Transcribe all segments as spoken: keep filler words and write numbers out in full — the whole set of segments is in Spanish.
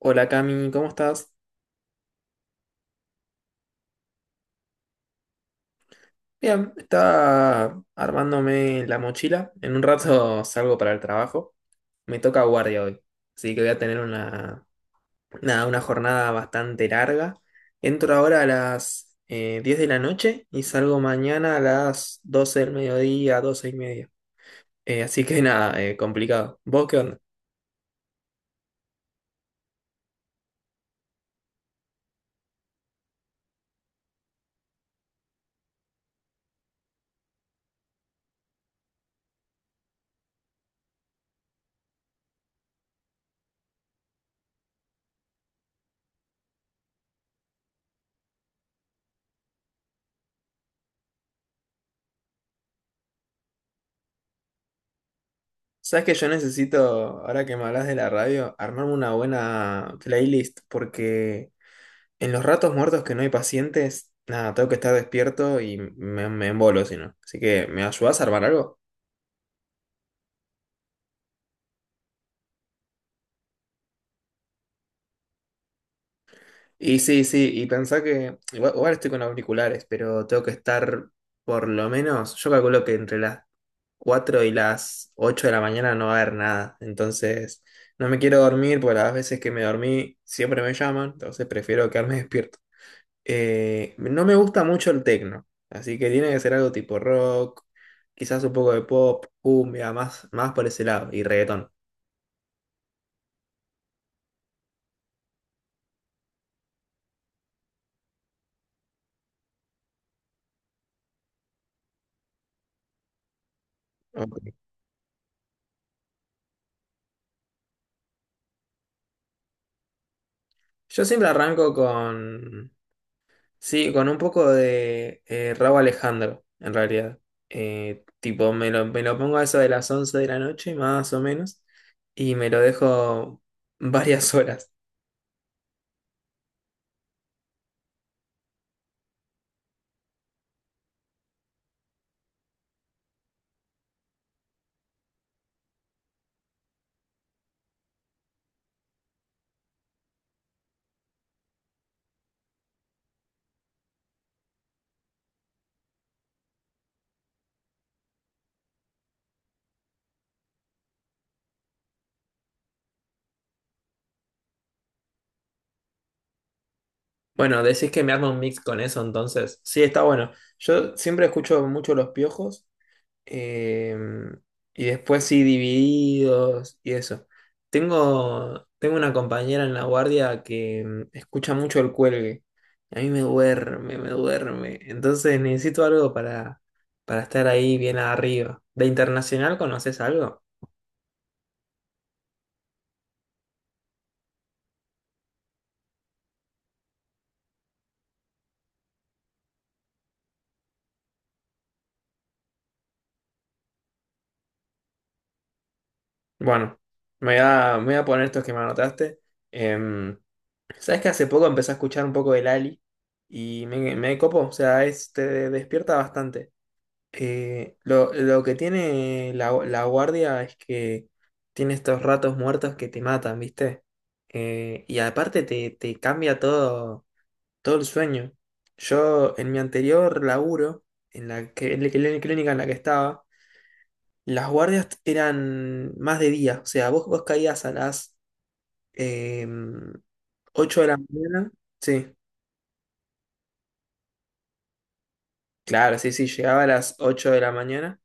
Hola Cami, ¿cómo estás? Bien, estaba armándome la mochila. En un rato salgo para el trabajo. Me toca guardia hoy, así que voy a tener una, nada, una jornada bastante larga. Entro ahora a las eh, diez de la noche y salgo mañana a las doce del mediodía, doce y media. Eh, así que nada, eh, complicado. ¿Vos qué onda? Sabes que yo necesito, ahora que me hablas de la radio, armarme una buena playlist porque en los ratos muertos que no hay pacientes, nada, tengo que estar despierto y me, me embolo si no. Así que, ¿me ayudás a armar algo? Y sí, sí, y pensá que igual, igual estoy con auriculares, pero tengo que estar por lo menos, yo calculo que entre las cuatro y las ocho de la mañana no va a haber nada. Entonces, no me quiero dormir porque las veces que me dormí siempre me llaman, entonces prefiero quedarme despierto. Eh, no me gusta mucho el techno, así que tiene que ser algo tipo rock, quizás un poco de pop, cumbia, más, más por ese lado, y reggaetón. Ok. Yo siempre arranco con, sí, con un poco de eh, Rauw Alejandro, en realidad. Eh, tipo, me lo, me lo pongo a eso de las once de la noche, más o menos, y me lo dejo varias horas. Bueno, decís que me armo un mix con eso, entonces, sí, está bueno. Yo siempre escucho mucho Los Piojos. Em, y después sí, divididos y eso. Tengo, tengo una compañera en la guardia que mm, escucha mucho el cuelgue. A mí me duerme, me duerme. Entonces necesito algo para, para estar ahí bien arriba. ¿De internacional conoces algo? Bueno, me voy a, me voy a poner estos que me anotaste. Em, ¿sabes que hace poco empecé a escuchar un poco el Ali? Y me, me copo, o sea, es, te despierta bastante. Eh, lo, lo que tiene la, la guardia es que tiene estos ratos muertos que te matan, ¿viste? Eh, y aparte te, te cambia todo, todo el sueño. Yo en mi anterior laburo, en la, que, en la clí- clínica en la que estaba, las guardias eran más de día. O sea, vos, vos caías a las eh, ocho de la mañana. Sí, claro, sí, sí, llegaba a las ocho de la mañana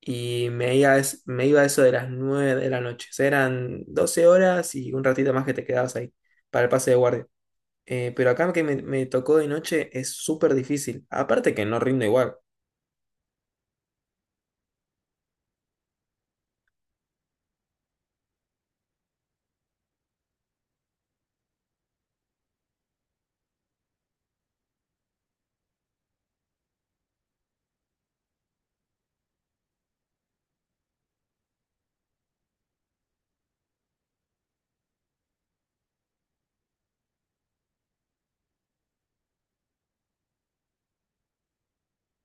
y me iba, a es- me iba a eso de las nueve de la noche. O sea, eran doce horas y un ratito más que te quedabas ahí para el pase de guardia. Eh, pero acá que me, me tocó de noche es súper difícil. Aparte que no rindo igual.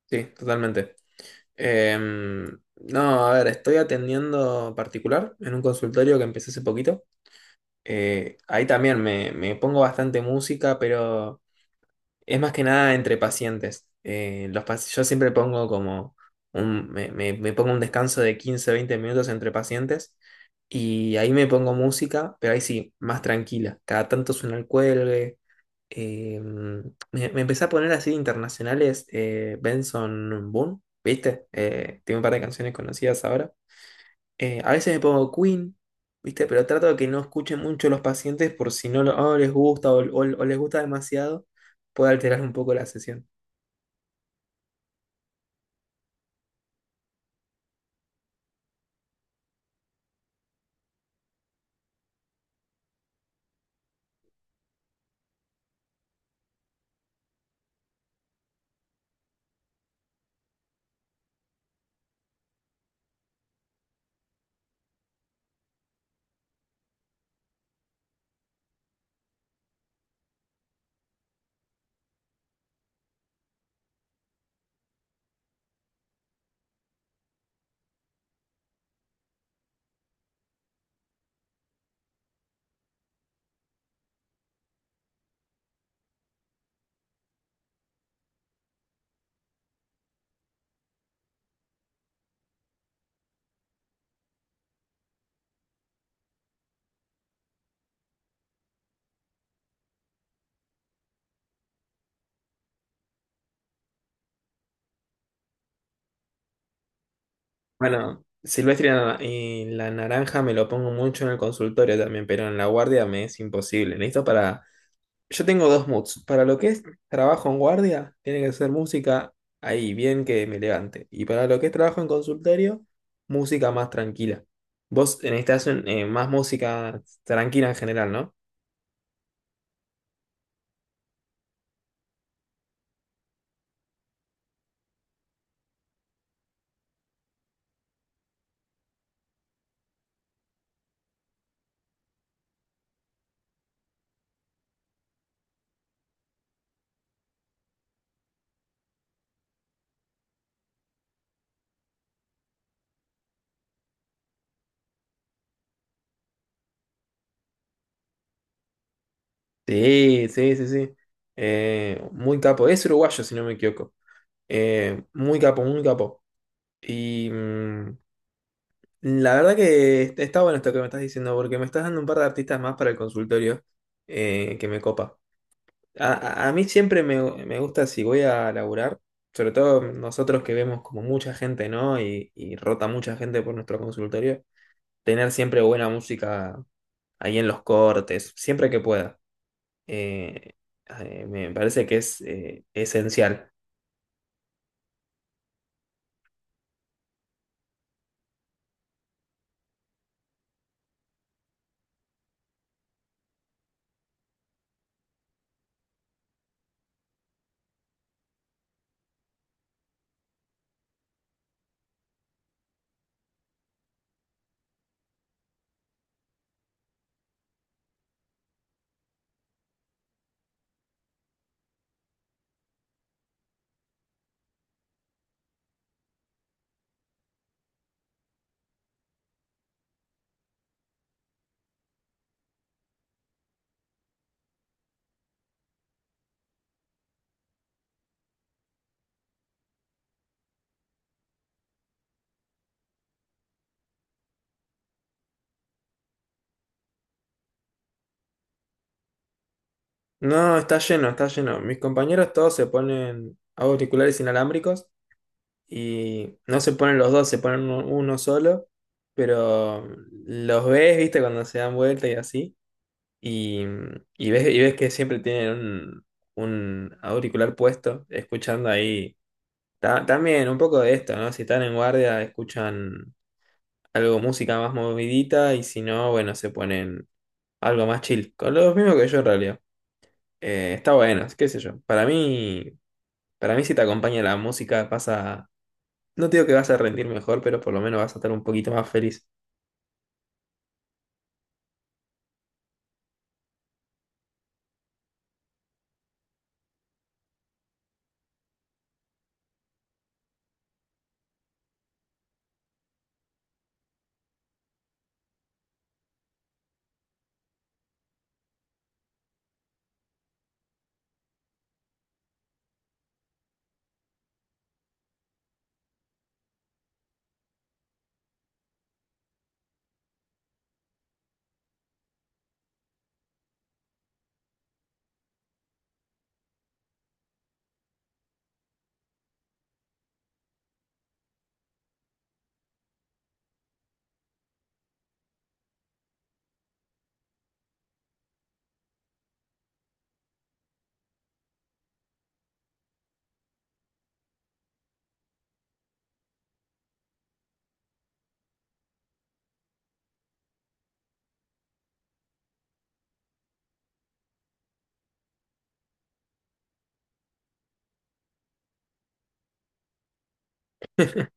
Sí, totalmente. Em, no, a ver, estoy atendiendo particular en un consultorio que empecé hace poquito. Eh, ahí también me, me pongo bastante música, pero... Es más que nada entre pacientes. Eh, los paci- yo siempre pongo como un, me, me- me pongo un descanso de quince, veinte minutos entre pacientes y ahí me pongo música, pero ahí sí, más tranquila. Cada tanto suena el cuelgue. Eh, me, me empecé a poner así internacionales eh, Benson Boone, ¿viste? Eh, tiene un par de canciones conocidas ahora. Eh, a veces me pongo Queen, ¿viste? Pero trato de que no escuchen mucho los pacientes por si no, lo- no les gusta o, o- o les gusta demasiado, puede alterar un poco la sesión. Bueno, Silvestre y la y la naranja me lo pongo mucho en el consultorio también, pero en la guardia me es imposible. Necesito para... Yo tengo dos moods. Para lo que es trabajo en guardia, tiene que ser música ahí, bien que me levante. Y para lo que es trabajo en consultorio, música más tranquila. Vos necesitas un- eh, más música tranquila en general, ¿no? Sí, sí, sí, sí. Eh, muy capo. Es uruguayo, si no me equivoco. Eh, muy capo, muy capo. Y mm, la verdad que est- está bueno esto que me estás diciendo, porque me estás dando un par de artistas más para el consultorio eh, que me copa. A, a- a mí siempre me, me gusta si voy a laburar, sobre todo nosotros que vemos como mucha gente, ¿no? Y, y rota mucha gente por nuestro consultorio, tener siempre buena música ahí en los cortes, siempre que pueda. eh, eh, Me parece que es eh, esencial. No, está lleno, está lleno. Mis compañeros todos se ponen auriculares inalámbricos y no se ponen los dos, se ponen uno, uno solo, pero los ves, viste, cuando se dan vuelta y así, y, y ves, y ves que siempre tienen un, un auricular puesto, escuchando ahí. Ta- también un poco de esto, ¿no? Si están en guardia, escuchan algo, música más movidita, y si no, bueno, se ponen algo más chill. Con lo mismo que yo en realidad. Eh, está bueno, qué sé yo. Para mí, para mí si te acompaña la música, pasa. No te digo que vas a rendir mejor, pero por lo menos vas a estar un poquito más feliz.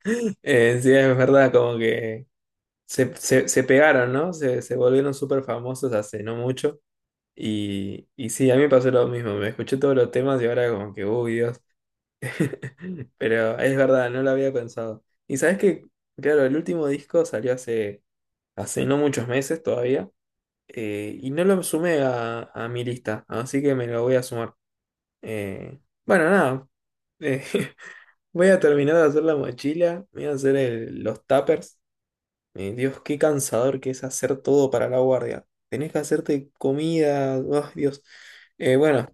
Eh, sí, es verdad, como que se, se, se pegaron, ¿no? Se, se volvieron súper famosos hace no mucho. Y, y sí, a mí me pasó lo mismo. Me escuché todos los temas y ahora como que, uy, Dios. Pero es verdad, no lo había pensado. Y sabes que, claro, el último disco salió hace, hace no muchos meses todavía. Eh, y no lo sumé a, a mi lista, así que me lo voy a sumar. Eh, bueno, nada. eh, Voy a terminar de hacer la mochila. Voy a hacer el- los tuppers. Eh, Dios, qué cansador que es hacer todo para la guardia. Tenés que hacerte comida. Ay, Dios. Eh, bueno,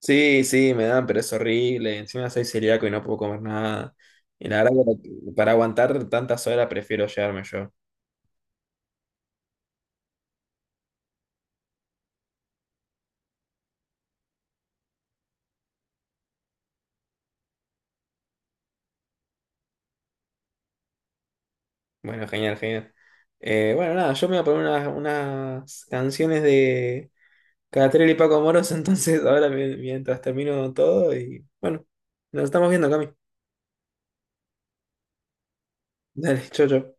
sí, sí, me dan, pero es horrible. Encima soy celíaco y no puedo comer nada. Y la verdad que para aguantar tantas horas prefiero llevarme yo. Bueno, genial, genial. Eh, bueno, nada, yo me voy a poner unas, unas canciones de Catriel y Paco Moros, entonces ahora mi- mientras termino todo y bueno, nos estamos viendo, Cami. Dale, chau, chau.